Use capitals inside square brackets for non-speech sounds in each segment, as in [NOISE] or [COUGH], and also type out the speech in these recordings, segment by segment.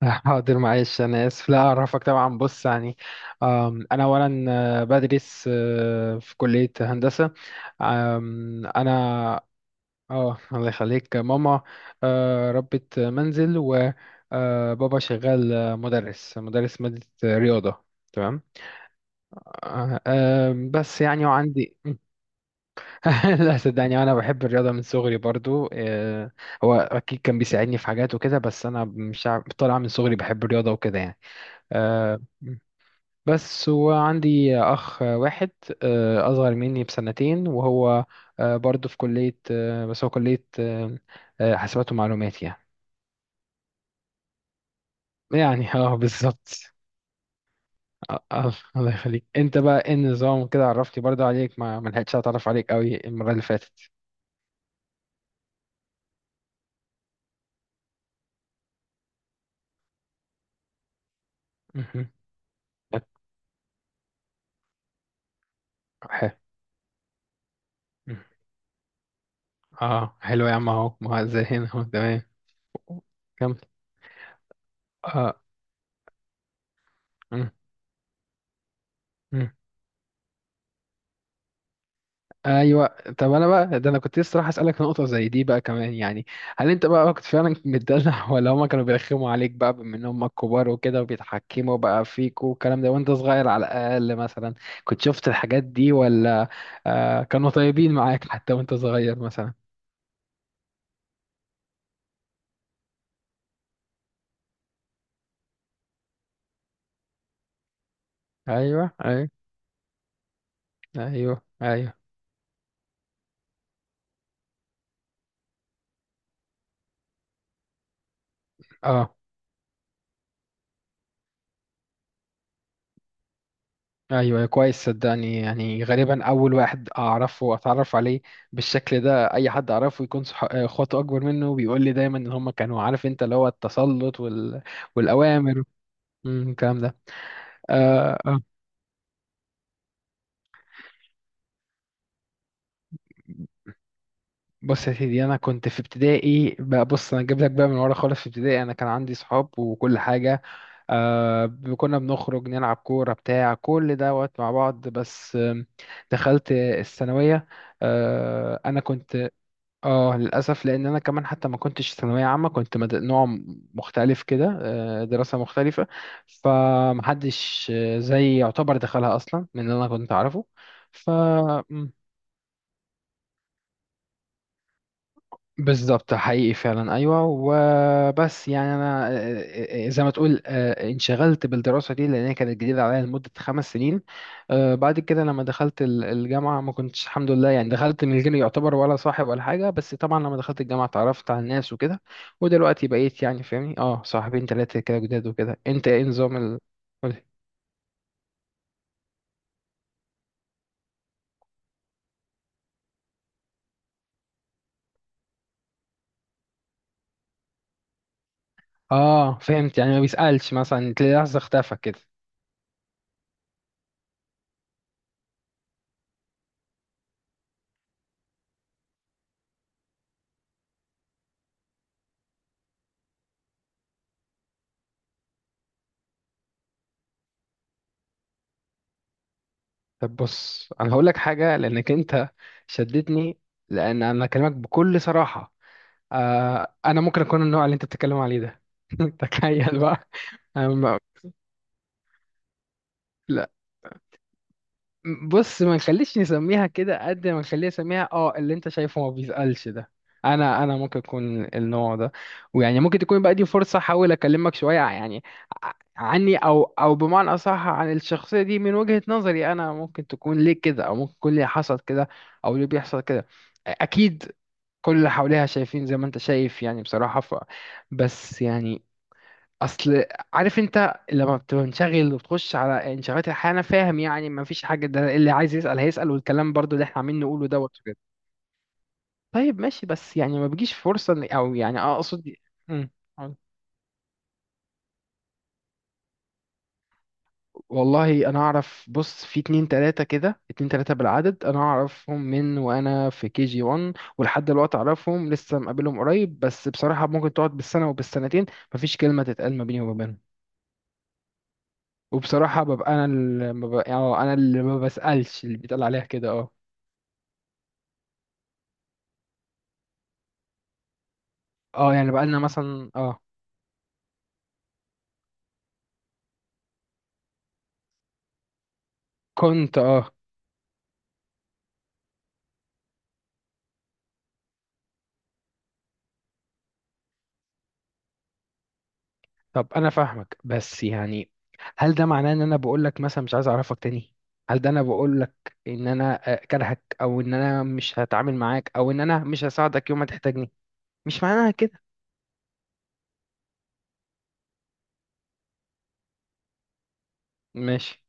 [LAUGHS] حاضر معلش انا اسف لا اعرفك طبعا بص يعني. انا اولا بدرس في كلية هندسة. آم، انا اه الله يخليك ماما. ربة منزل وبابا شغال، مدرس مادة رياضة. تمام. آه، آم، بس يعني وعندي. [LAUGHS] لا صدقني انا بحب الرياضة من صغري برضو. هو اكيد كان بيساعدني في حاجات وكده، بس انا مش عارف- طالع من صغري بحب الرياضة وكده يعني. آه، بس وعندي أخ واحد أصغر مني بسنتين، وهو برضه في كلية، آه، بس هو كلية آه، آه، حاسبات ومعلومات يعني. يعني [LAUGHS] اه بالظبط. الله يخليك، انت بقى ايه النظام كده؟ عرفتي برضه عليك، ما لحقتش اتعرف عليك قوي المرة اللي فاتت. مهم. [LAUGHS] حلو. مهم. اه حلو يا عم، اهو ما هو زي هنا [LAUGHS] اهو تمام. كمل. اه. مم. مم. ايوه. طب انا بقى ده انا كنت لسه راح اسالك في نقطه زي دي بقى كمان يعني. هل انت بقى كنت فعلا متدلع [LAUGHS] ولا هما كانوا بيرخموا عليك بقى بما ان هما كبار وكده، وبيتحكموا بقى فيك والكلام ده وانت صغير، على الاقل مثلا كنت شفت الحاجات دي؟ ولا كانوا طيبين معاك حتى وانت صغير مثلا؟ ايوه ايوه. ايوه ايوه. اه ايوه كويس. صدقني يعني غالبا اول واحد اعرفه، اتعرف عليه بالشكل ده، اي حد اعرفه يكون اخواته اكبر منه بيقول لي دايما ان هم كانوا، عارف انت، اللي هو التسلط وال... والاوامر الكلام ده. آه آه. بص يا سيدي، انا كنت في ابتدائي بقى، بص انا جايب لك بقى من ورا خالص، في ابتدائي انا كان عندي صحاب وكل حاجه. كنا بنخرج نلعب كوره بتاع كل دوت مع بعض، بس دخلت الثانويه. آه، انا كنت اه للاسف، لان انا كمان حتى ما كنتش ثانويه عامه، كنت مختلف كده، دراسه مختلفه. فمحدش زي يعتبر دخلها اصلا من اللي انا كنت اعرفه. ف بالظبط، حقيقي فعلا ايوه. وبس يعني انا، زي ما تقول، انشغلت بالدراسه دي لان هي كانت جديده عليا لمده خمس سنين. بعد كده لما دخلت الجامعه، ما كنتش الحمد لله يعني، دخلت من غير يعتبر ولا صاحب ولا حاجه. بس طبعا لما دخلت الجامعه اتعرفت على الناس وكده، ودلوقتي بقيت يعني، فاهمني، اه صاحبين ثلاثه كده جداد وكده. انت ايه نظام ال...؟ قولي. اه فهمت، يعني ما بيسالش، مثلا تلاقي لحظه اختفى كده. طب بص انا هقول لك حاجه لانك انت شدتني، لان انا اكلمك بكل صراحه. آه انا ممكن اكون النوع اللي انت بتتكلم عليه ده [LAUGHS] تخيل بقى. أنا ما- لا، بص ما نخليش نسميها كده، قد ما نخليها نسميها اه اللي انت شايفه ما بيسألش ده. انا ممكن اكون النوع ده. ويعني ممكن تكون بقى دي فرصة احاول اكلمك شوية يعني، يعني عني، او بمعنى اصح عن الشخصية دي، من وجهة نظري، انا ممكن تكون ليه كده، او ممكن يكون ليه حصل كده، او ليه بيحصل كده. اكيد كل اللي حواليها شايفين زي ما انت شايف يعني، بصراحة. ف بس يعني اصل عارف انت لما بتبقى منشغل وبتخش على انشغالات الحياه، انا فاهم يعني، ما فيش حاجه، ده اللي عايز يسال هيسال، والكلام برضو اللي احنا عاملين نقوله دوت وكده. طيب ماشي، بس يعني ما بيجيش فرصه او يعني اقصد. مم. والله انا اعرف، بص في اتنين تلاتة كده، اتنين تلاتة بالعدد، انا اعرفهم من وانا في كي جي 1 ولحد دلوقتي اعرفهم، لسه مقابلهم قريب. بس بصراحة ممكن تقعد بالسنة وبالسنتين مفيش كلمة تتقال ما بيني وما بينهم. وبصراحة ببقى أنا اللي ما ببقى يعني، أنا اللي ما بسألش، اللي بيتقال عليها كده اه. اه يعني بقالنا مثلا اه. كنت اه. طب أنا فاهمك، بس يعني هل ده معناه إن أنا بقولك مثلا مش عايز أعرفك تاني؟ هل ده أنا بقولك إن أنا، كارهك؟ أو إن أنا مش هتعامل معاك؟ أو إن أنا مش هساعدك يوم ما تحتاجني؟ مش معناها كده. ماشي.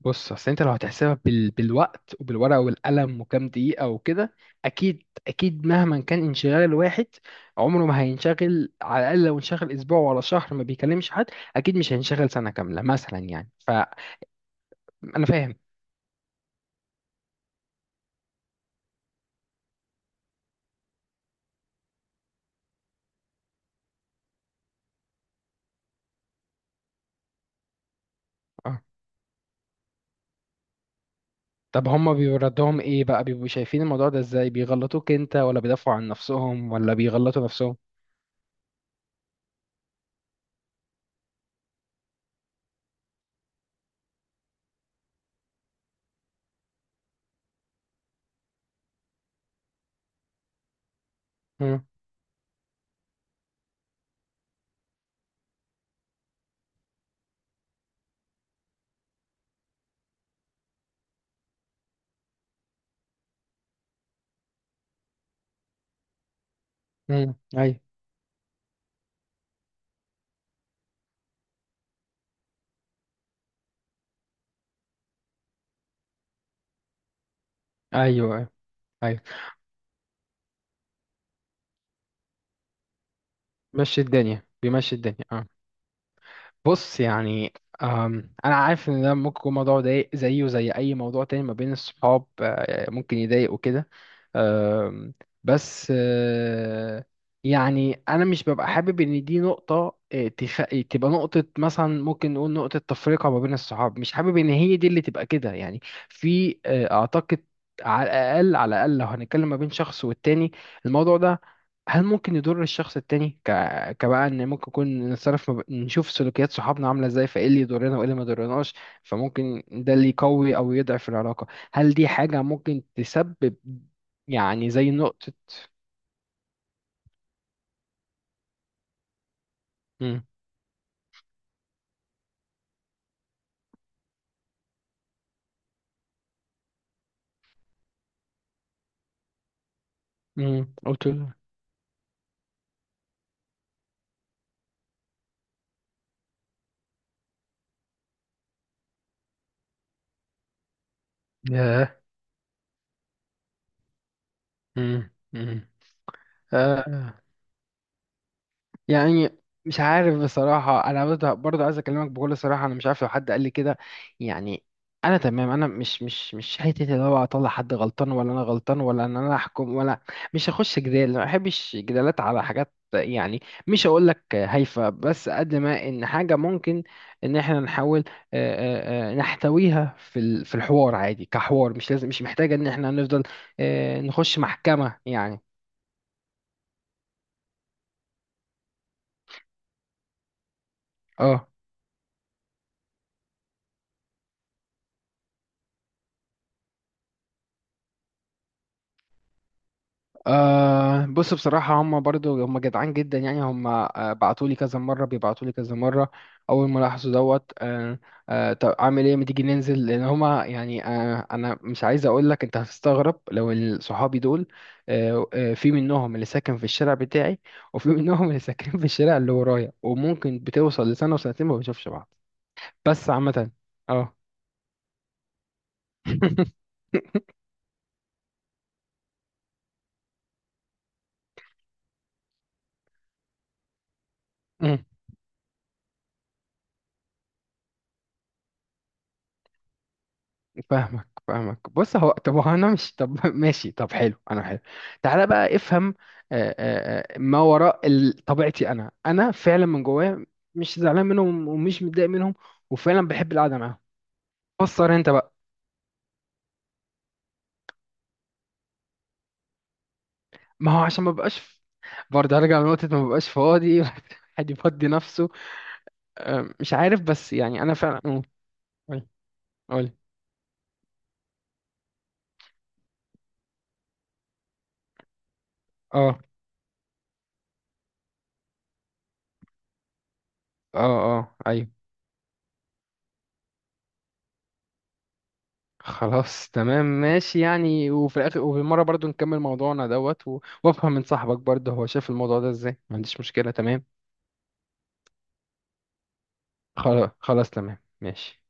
بص اصل انت لو هتحسبها بال... بالوقت وبالورقه والقلم وكام دقيقه وكده، اكيد اكيد مهما كان انشغال الواحد، عمره ما هينشغل. على الاقل لو انشغل اسبوع ولا شهر ما بيكلمش حد، اكيد مش هينشغل سنه كامله مثلا، يعني فانا فاهم. اه. طب هما بيبقوا ردهم ايه بقى؟ بيبقوا شايفين الموضوع ده ازاي؟ بيغلطوك انت، ولا بيدافعوا عن نفسهم، ولا بيغلطوا نفسهم؟ امم. ايوه. ايوه ايوه. مشي الدنيا، بيمشي الدنيا آه. بص يعني، انا عارف ان ده ممكن يكون موضوع ضايق، زيه وزي اي موضوع تاني ما بين الصحاب، ممكن يضايق وكده. أم، بس آه، يعني انا مش ببقى حابب ان دي نقطة، تبقى نقطة، مثلا ممكن نقول نقطة تفرقة ما بين الصحاب، مش حابب ان هي دي اللي تبقى كده يعني. في، اعتقد، على الاقل لو هنتكلم ما بين شخص والتاني، الموضوع ده هل ممكن يضر الشخص التاني؟ كبقى ان ممكن يكون نتصرف نشوف سلوكيات صحابنا عامله ازاي، فايه اللي يضرنا وايه اللي ما يضرناش. فممكن ده اللي يقوي او يضعف العلاقه. هل دي حاجه ممكن تسبب، يعني زي نقطه. امم. قلت له. ياه. امم. امم. يعني مش عارف بصراحة، أنا برضه عايز أكلمك بكل صراحة. أنا مش عارف لو حد قال لي كده، يعني أنا تمام، أنا مش حتة اللي هو أطلع حد غلطان ولا أنا غلطان، ولا إن أنا أحكم، ولا مش هخش جدال، ما بحبش جدالات على حاجات يعني. مش هقول لك هايفة، بس قد ما إن حاجة ممكن، إن إحنا نحاول، نحتويها في في الحوار عادي كحوار. مش لازم، مش محتاجة إن إحنا نفضل، نخش محكمة يعني. اه. أه بص بصراحة، هم برضو هم جدعان جدا يعني. هم، بعتولي كذا مرة، بيبعتولي كذا مرة أول ما لاحظوا دوت. أه. أه طب أعمل إيه ما تيجي ننزل، لأن هما يعني، أه أنا مش عايز أقول لك أنت هتستغرب لو [LAUGHS] صحابي دول أه، في منهم اللي ساكن في الشارع بتاعي، وفي [LAUGHS] منهم اللي ساكن في الشارع اللي ورايا، وممكن بتوصل لسنة وسنتين ما بنشوفش بعض. بس عامة أه. [LAUGHS] [LAUGHS] فاهمك فاهمك. بص هو طب هو انا مش طب [LAUGHS] ماشي طب حلو انا حلو. تعالى بقى افهم، ما وراء طبيعتي. انا فعلا من جوايا مش زعلان منهم ومش متضايق منهم، وفعلا بحب القعده معاهم. فسر انت بقى. ما هو عشان ما بقاش ف- برضه هرجع لنقطه ما بقاش فاضي [LAUGHS] حد يفضي نفسه، مش عارف. بس يعني انا فعلا قول. قول. اه اه اه ايوه. خلاص تمام ماشي، يعني وفي الاخر وفي المره برضو نكمل موضوعنا دوت وافهم من صاحبك برضه هو شايف الموضوع ده ازاي، ما عنديش مشكله تمام. خلاص خلاص تمام ماشي.